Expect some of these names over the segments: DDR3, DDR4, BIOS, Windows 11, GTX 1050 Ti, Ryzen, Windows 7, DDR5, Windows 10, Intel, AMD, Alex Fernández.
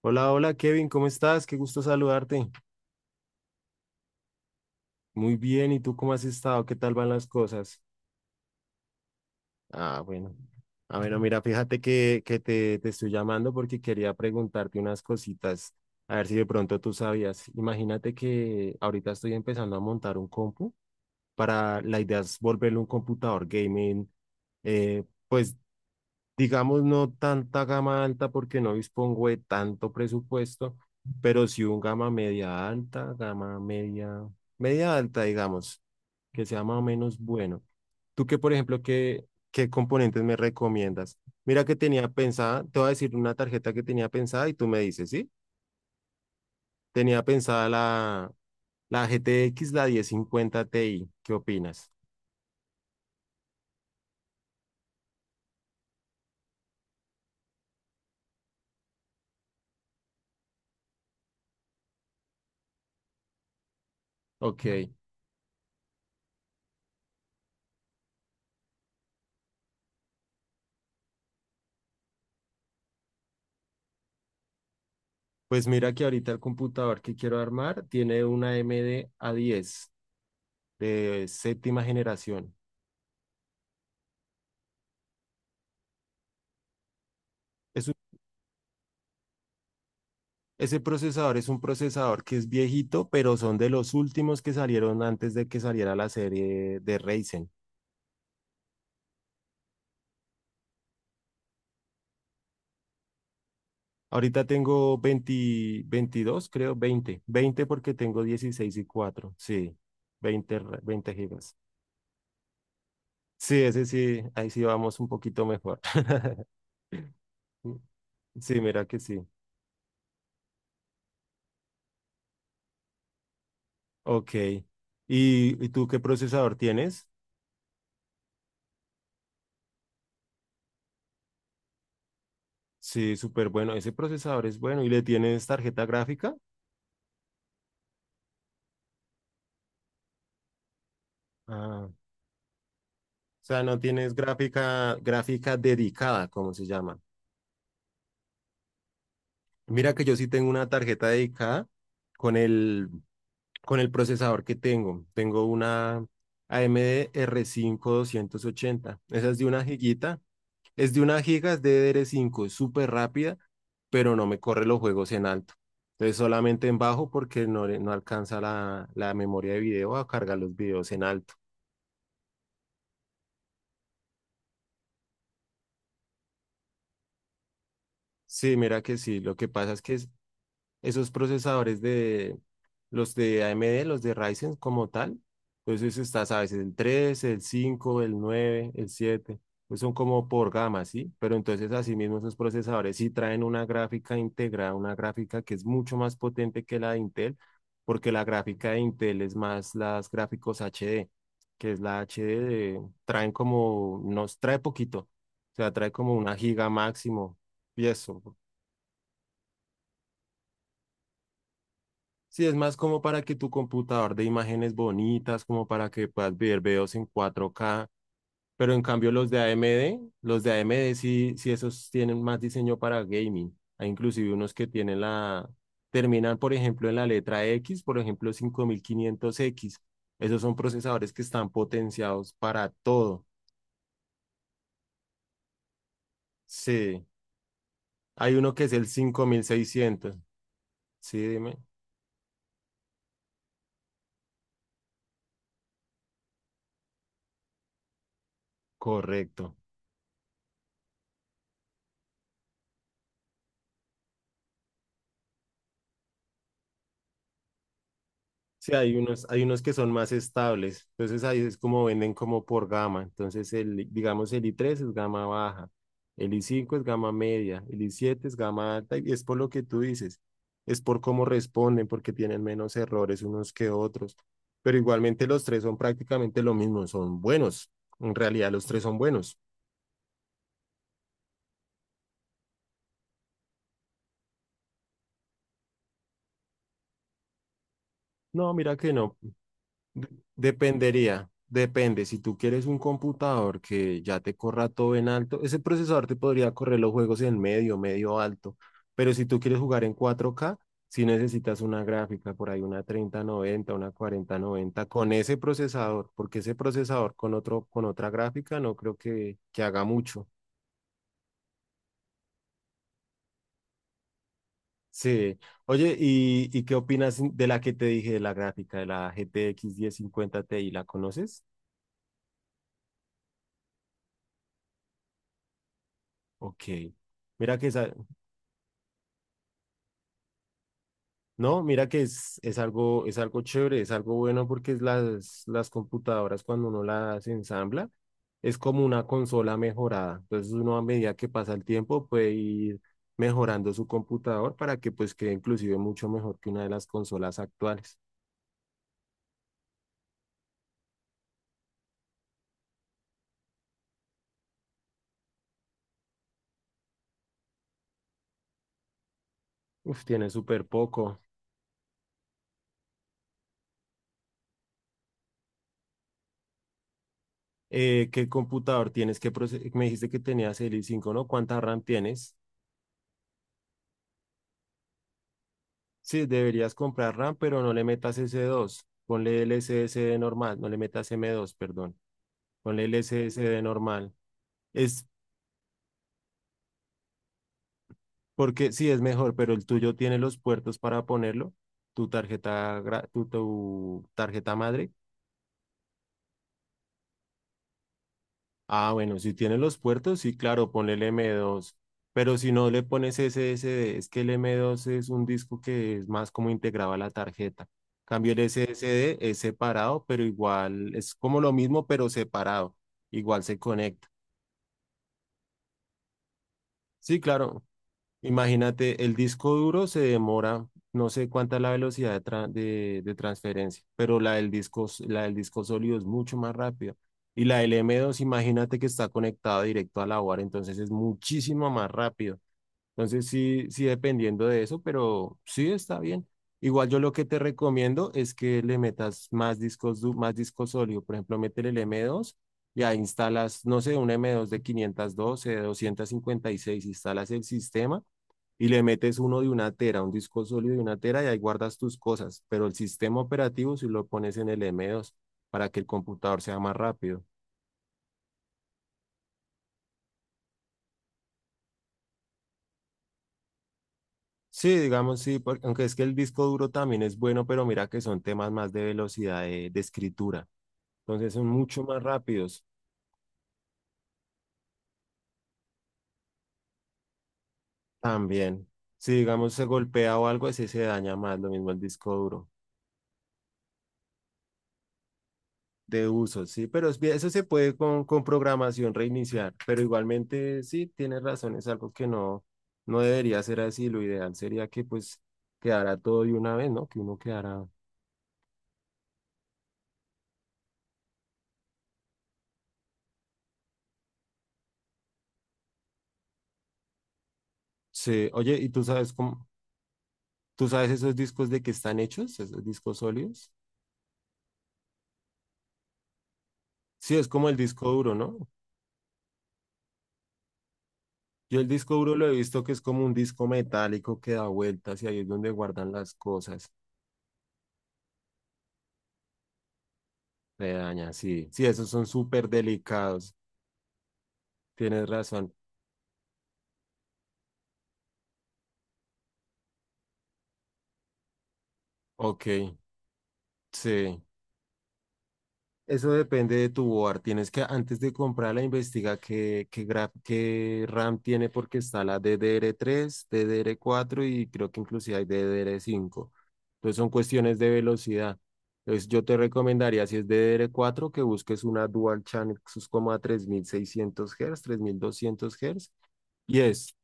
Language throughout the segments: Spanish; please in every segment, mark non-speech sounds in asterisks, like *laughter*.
Hola, hola Kevin, ¿cómo estás? Qué gusto saludarte. Muy bien, ¿y tú cómo has estado? ¿Qué tal van las cosas? Ah, bueno. Ah, bueno, mira, fíjate que te estoy llamando porque quería preguntarte unas cositas, a ver si de pronto tú sabías. Imagínate que ahorita estoy empezando a montar un compu para, la idea es volverlo un computador gaming, eh, pues digamos, no tanta gama alta porque no dispongo de tanto presupuesto, pero sí un gama media alta, gama media, media alta, digamos, que sea más o menos bueno. Tú qué por ejemplo, qué componentes me recomiendas? Mira que tenía pensada, te voy a decir una tarjeta que tenía pensada y tú me dices, ¿sí? Tenía pensada la GTX, la 1050 Ti, ¿qué opinas? Ok, pues mira que ahorita el computador que quiero armar tiene una A M AMD A10 de séptima generación. Es un- Ese procesador es un procesador que es viejito, pero son de los últimos que salieron antes de que saliera la serie de Ryzen. Ahorita tengo 20, 22 creo, 20 20 porque tengo 16 y cuatro. Sí, 20 gigas. Sí, ese sí, ahí sí vamos un poquito mejor. *laughs* Sí, mira que sí. Ok. ¿Y tú qué procesador tienes? Sí, súper bueno. Ese procesador es bueno. ¿Y le tienes tarjeta gráfica? Ah, o sea, no tienes gráfica, gráfica dedicada, como se llama. Mira que yo sí tengo una tarjeta dedicada con el procesador que tengo. Tengo una AMD r cinco doscientos ochenta. Esa es de una giguita. Es de una giga, es de DDR5, es súper rápida, pero no me corre los juegos en alto. Entonces solamente en bajo porque no alcanza la memoria de video a cargar los videos en alto. Sí, mira que sí. Lo que pasa es que esos procesadores de los de AMD, los de Ryzen como tal. Entonces está, sabes, el tres, el cinco, el nueve, el siete. Pues son como por gama, ¿sí? Pero entonces asimismo esos procesadores sí traen una gráfica integrada, una gráfica que es mucho más potente que la de Intel, porque la gráfica de Intel es más las gráficos HD, que es la HD, traen como, nos trae poquito, o sea, trae como una giga máximo y eso. Sí, es más como para que tu computador de imágenes bonitas, como para que puedas ver videos en 4K, pero en cambio los de AMD, los de AMD sí, sí esos tienen más diseño para gaming. Hay inclusive unos que tienen la, terminan por ejemplo en la letra X, por ejemplo 5500X. Esos son procesadores que están potenciados para todo. Sí, hay uno que es el 5600. Sí, dime. Correcto. Sí, hay unos que son más estables. Entonces ahí es como venden como por gama. Entonces el, digamos, el i3 es gama baja, el i5 es gama media, el i7 es gama alta y es por lo que tú dices. Es por cómo responden, porque tienen menos errores unos que otros. Pero igualmente los tres son prácticamente lo mismo, son buenos. En realidad los tres son buenos. No, mira que no. De- Dependería, depende. Si tú quieres un computador que ya te corra todo en alto, ese procesador te podría correr los juegos en medio, medio alto. Pero si tú quieres jugar en 4K, si necesitas una gráfica, por ahí una 3090, una 4090, con ese procesador, porque ese procesador con otro, con otra gráfica no creo que haga mucho. Sí. Oye, ¿y qué opinas de la que te dije, de la gráfica, de la GTX 1050 Ti? ¿La conoces? Ok. Mira que esa, no, mira que es algo, es algo chévere, es algo bueno porque es las computadoras cuando uno las ensambla es como una consola mejorada. Entonces uno a medida que pasa el tiempo puede ir mejorando su computador para que pues quede inclusive mucho mejor que una de las consolas actuales. Uf, tiene súper poco. ¿Qué computador tienes? Me dijiste que tenías el i5, ¿no? ¿Cuánta RAM tienes? Sí, deberías comprar RAM, pero no le metas S2. Ponle el S SSD normal, no le metas M2, perdón. Ponle el SSD normal. Es porque sí es mejor, pero el tuyo tiene los puertos para ponerlo. Tu tarjeta, tu tarjeta madre. Ah, bueno, si tiene los puertos, sí, claro, ponle el M2. Pero si no le pones SSD, es que el M2 es un disco que es más como integrado a la tarjeta. Cambio el SSD es separado, pero igual es como lo mismo, pero separado. Igual se conecta. Sí, claro. Imagínate, el disco duro se demora, no sé cuánta es la velocidad de, de transferencia, pero la del disco, la del disco sólido es mucho más rápido. Y la del M2, imagínate que está conectada directo a la UAR, entonces es muchísimo más rápido. Entonces sí, sí dependiendo de eso, pero sí está bien. Igual yo lo que te recomiendo es que le metas más discos, más disco sólido. Por ejemplo, métele el M2 y ahí instalas, no sé, un M2 de 512, de 256, instalas el sistema y le metes uno de una tera, un disco sólido de una tera y ahí guardas tus cosas. Pero el sistema operativo si lo pones en el M2 para que el computador sea más rápido. Sí, digamos, sí, aunque es que el disco duro también es bueno, pero mira que son temas más de velocidad de escritura. Entonces son mucho más rápidos también. Si, digamos, se golpea o algo, así se daña más, lo mismo el disco duro de uso, sí, pero es eso se puede con programación reiniciar, pero igualmente sí, tienes razón, es algo que no, no debería ser así. Lo ideal sería que pues quedara todo de una vez, ¿no? Que uno quedara... Sí, oye, ¿y tú sabes cómo, tú sabes esos discos de qué están hechos, esos discos sólidos? Sí, es como el disco duro, ¿no? Yo el disco duro lo he visto que es como un disco metálico que da vueltas y ahí es donde guardan las cosas. Se daña, sí. Sí, esos son súper delicados. Tienes razón. Ok, sí. Eso depende de tu board. Tienes que, antes de comprarla, investiga qué, qué RAM tiene porque está la DDR3, DDR4 y creo que inclusive hay DDR5. Entonces son cuestiones de velocidad. Entonces yo te recomendaría, si es DDR4, que busques una Dual Channel 3.3600 Hz, 3200 Hz. Y es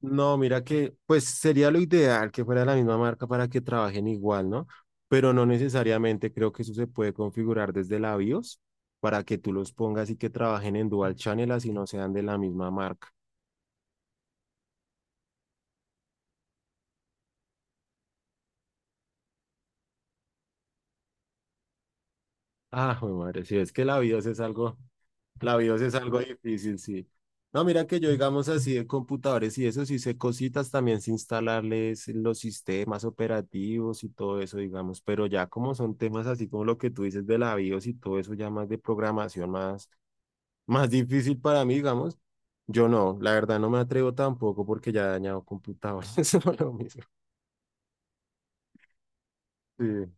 No, mira que, pues sería lo ideal que fuera la misma marca para que trabajen igual, ¿no? Pero no necesariamente, creo que eso se puede configurar desde la BIOS para que tú los pongas y que trabajen en dual channel, así no sean de la misma marca. Ah, *laughs* jue madre, si es que la BIOS es algo. La BIOS es algo difícil, sí. No, mira que yo, digamos así, de computadores y eso, sí sé cositas también, sé instalarles los sistemas operativos y todo eso, digamos, pero ya como son temas así como lo que tú dices de la BIOS y todo eso, ya más de programación, más, *laughs* más difícil para mí, digamos, yo no, la verdad no me atrevo tampoco porque ya he dañado computadores, *laughs* eso es lo mismo. Sí.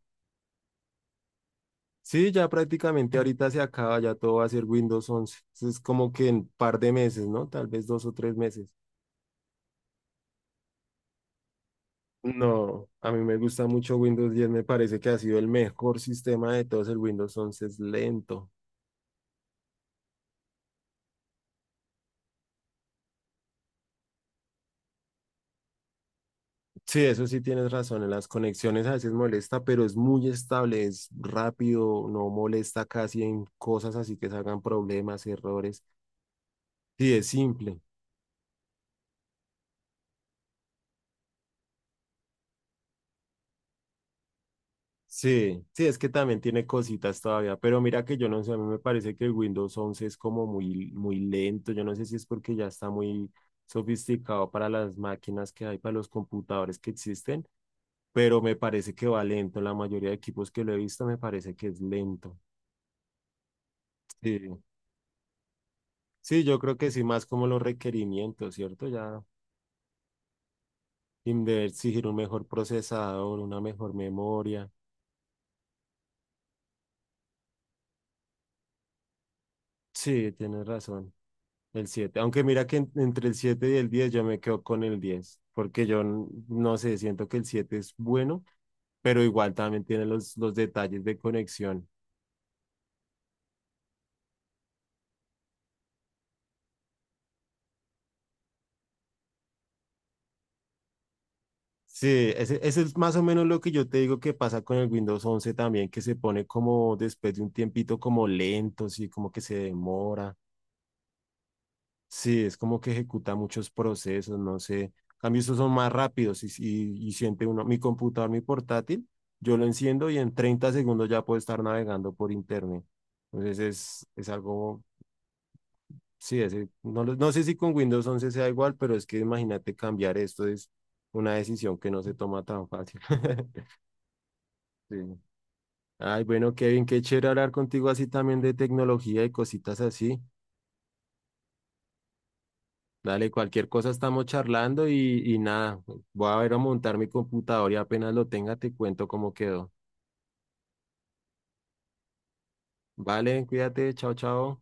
Sí, ya prácticamente ahorita se acaba, ya todo va a ser Windows 11, es como que en par de meses, ¿no? Tal vez dos o tres meses. No, a mí me gusta mucho Windows 10. Me parece que ha sido el mejor sistema de todos. El Windows 11 es lento. Sí, eso sí tienes razón, en las conexiones a veces molesta, pero es muy estable, es rápido, no molesta casi en cosas así que salgan problemas, errores. Sí, es simple. Sí, sí, es que también tiene cositas todavía, pero mira que yo no sé, a mí me parece que el Windows once es como muy, muy lento. Yo no sé si es porque ya está muy sofisticado para las máquinas que hay, para los computadores que existen, pero me parece que va lento. La mayoría de equipos que lo he visto me parece que es lento. Sí, sí, yo creo que sí, más como los requerimientos, ¿cierto? Ya de exigir un mejor procesador, una mejor memoria. Sí, tienes razón. El siete. Aunque mira que entre el siete y el 10 yo me quedo con el 10 porque yo no sé, siento que el siete es bueno, pero igual también tiene los detalles de conexión. Sí, ese es más o menos lo que yo te digo que pasa con el Windows 11 también, que se pone como después de un tiempito como lento, sí, como que se demora. Sí, es como que ejecuta muchos procesos, no sé. En cambio, estos son más rápidos y, y siente uno, mi computador, mi portátil, yo lo enciendo y en 30 segundos ya puedo estar navegando por internet. Entonces es algo, sí, no, no sé si con Windows 11 sea igual, pero es que imagínate cambiar esto es una decisión que no se toma tan fácil. *laughs* Sí. Ay, bueno, Kevin, qué chévere hablar contigo así también de tecnología y cositas así. Dale, cualquier cosa estamos charlando y nada, voy a ver a montar mi computador y apenas lo tenga te cuento cómo quedó. Vale, cuídate, chao, chao.